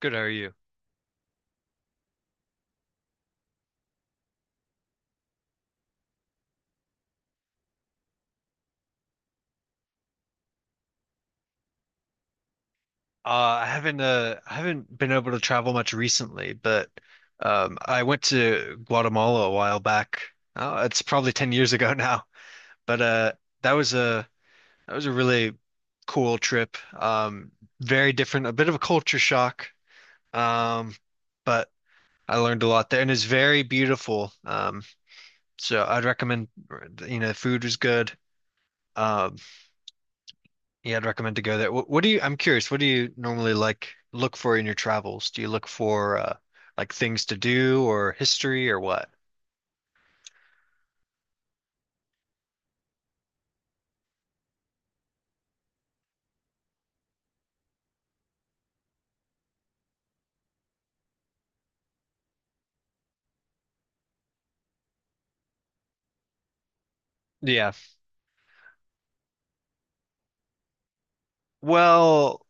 Good, how are you? Uh, I haven't been able to travel much recently, but I went to Guatemala a while back. Oh, it's probably 10 years ago now, but that was a that was a really cool trip. Very different, a bit of a culture shock, um, but I learned a lot there, and it's very beautiful. So I'd recommend, you know, food was good. Um Yeah, I'd recommend to go there. I'm curious, what do you normally like look for in your travels? Do you look for like things to do or history or what? Yeah. Well,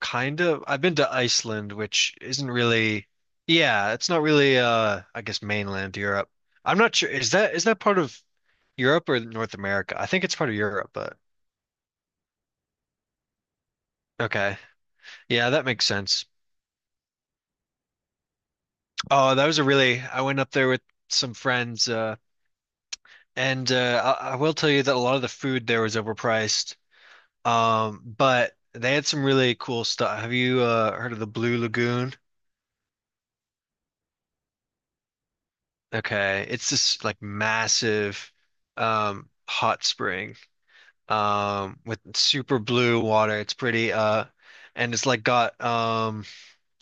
kind of. I've been to Iceland, which isn't really, yeah, it's not really I guess mainland Europe. I'm not sure. Is that part of Europe or North America? I think it's part of Europe, but okay. Yeah, that makes sense. Oh, that was a really I went up there with some friends and I will tell you that a lot of the food there was overpriced. But they had some really cool stuff. Have you heard of the Blue Lagoon? Okay, it's this like massive hot spring with super blue water. It's pretty, and it's like got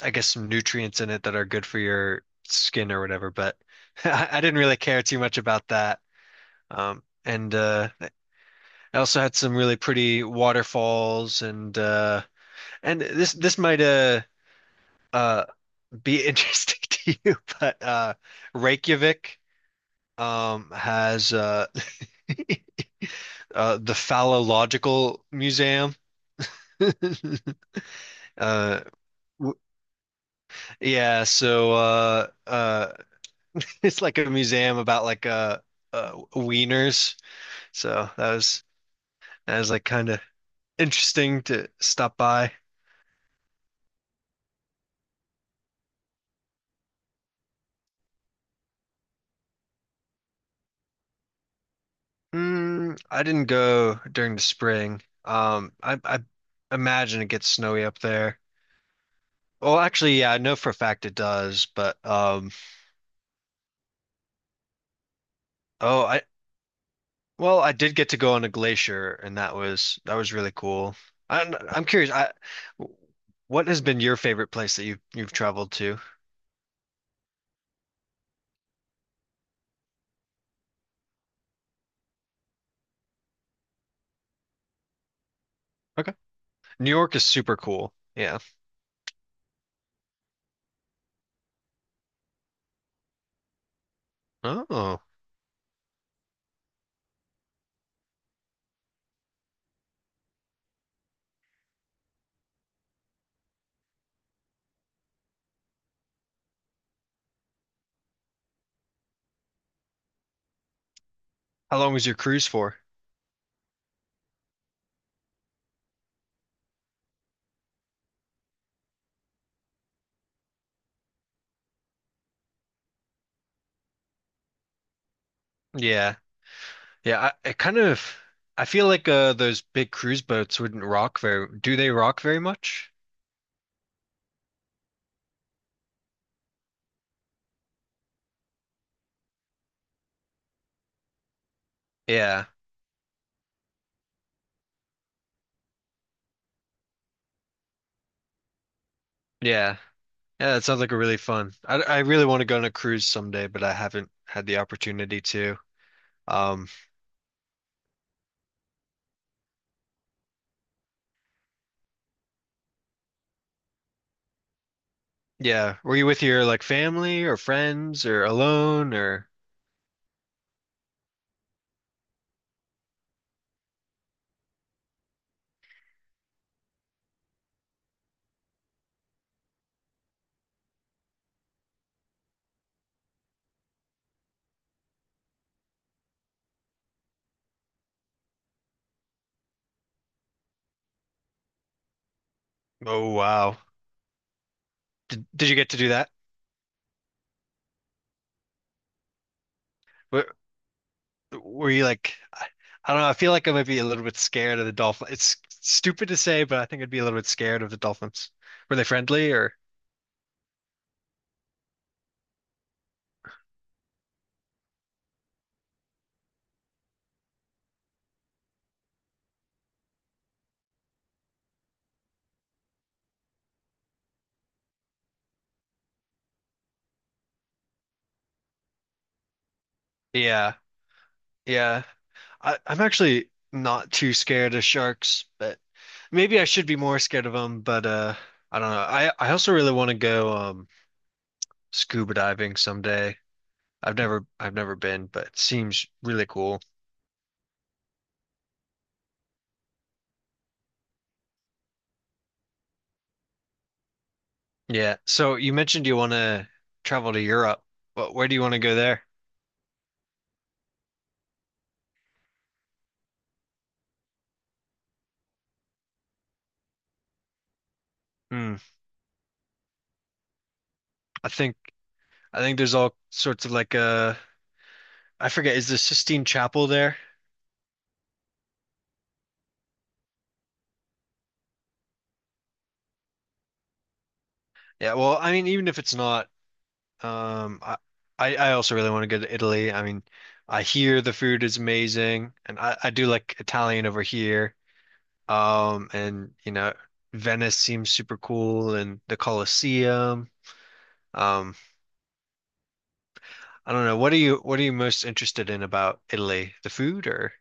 I guess some nutrients in it that are good for your skin or whatever. But I didn't really care too much about that. And I also had some really pretty waterfalls and and this might uh be interesting to you, but Reykjavik has the Phallological Museum. Uh w- yeah, so uh uh it's like a museum about like wieners. So that was like kind of interesting to stop by. Mm, I didn't go during the spring. I imagine it gets snowy up there. Well, actually, yeah, I know for a fact it does, but oh, I well, I did get to go on a glacier, and that was really cool. I'm curious, I what has been your favorite place that you've traveled to? Okay, New York is super cool. Yeah. Oh, how long was your cruise for? Yeah, yeah. I kind of I feel like those big cruise boats wouldn't rock very. Do they rock very much? Yeah, yeah. Yeah, that sounds like a really fun. I really want to go on a cruise someday, but I haven't had the opportunity to. Um, yeah, were you with your like family or friends or alone or? Oh wow, did you get to do that? Were, were you like? I don't know. I feel like I might be a little bit scared of the dolphin. It's stupid to say, but I think I'd be a little bit scared of the dolphins. Were they friendly or? Yeah, yeah. I'm actually not too scared of sharks, but maybe I should be more scared of them. But I don't know. I also really want to go scuba diving someday. I've never been, but it seems really cool. Yeah. So you mentioned you want to travel to Europe, but where do you want to go there? Hmm. I think I think there's all sorts of like I forget, is the Sistine Chapel there? Yeah. Well, I mean, even if it's not. Um, I, I also really want to go to Italy. I mean, I hear the food is amazing, and I do like Italian over here. And you know, Venice seems super cool, and the Colosseum. Um, I don't know. What are you most interested in about Italy? The food, or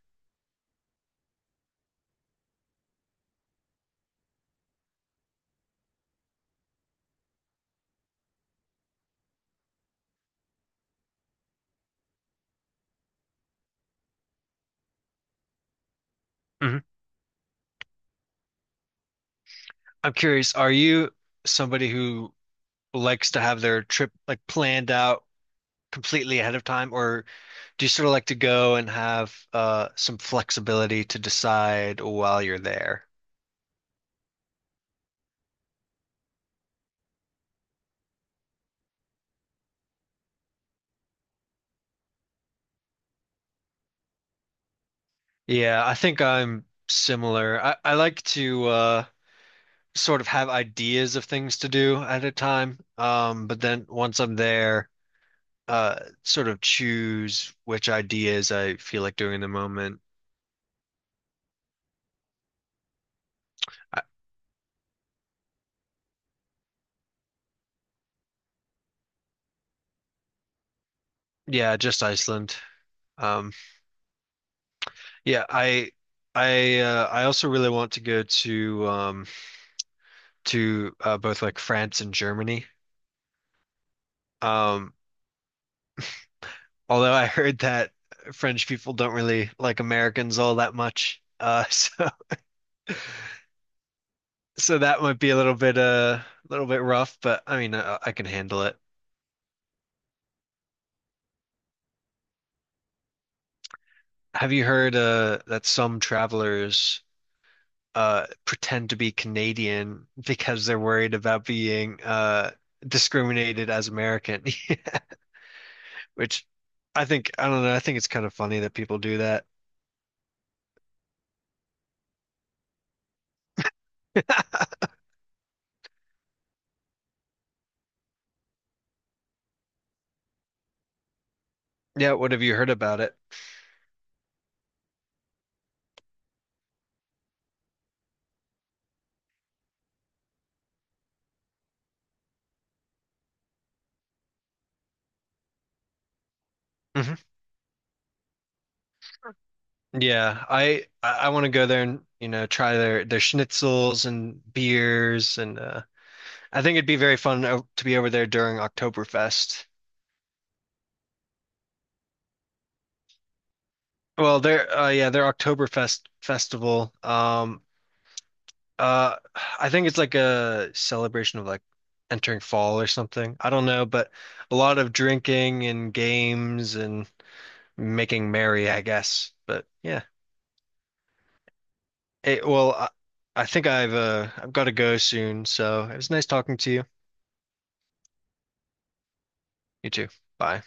mhm. I'm curious. Are you somebody who likes to have their trip like planned out completely ahead of time, or do you sort of like to go and have some flexibility to decide while you're there? Yeah, I think I'm similar. I like to sort of have ideas of things to do at a time, but then once I'm there, sort of choose which ideas I feel like doing in the moment. I, yeah, just Iceland. Um, yeah, I. I also really want to go to both like France and Germany. Um, Although I heard that French people don't really like Americans all that much. So so that might be a little bit rough, but I mean I can handle it. Have you heard that some travelers pretend to be Canadian because they're worried about being discriminated as American? Which I think I don't know. I think it's kind of funny that people do that. Yeah, what have you heard about it? Mm-hmm. Yeah, I want to go there and you know try their schnitzels and beers and I think it'd be very fun to be over there during Oktoberfest. Well, their yeah their Oktoberfest festival. Uh, I think it's like a celebration of like entering fall or something. I don't know, but a lot of drinking and games and making merry, I guess. But yeah, it, well, I think I've got to go soon. So it was nice talking to you. You too. Bye.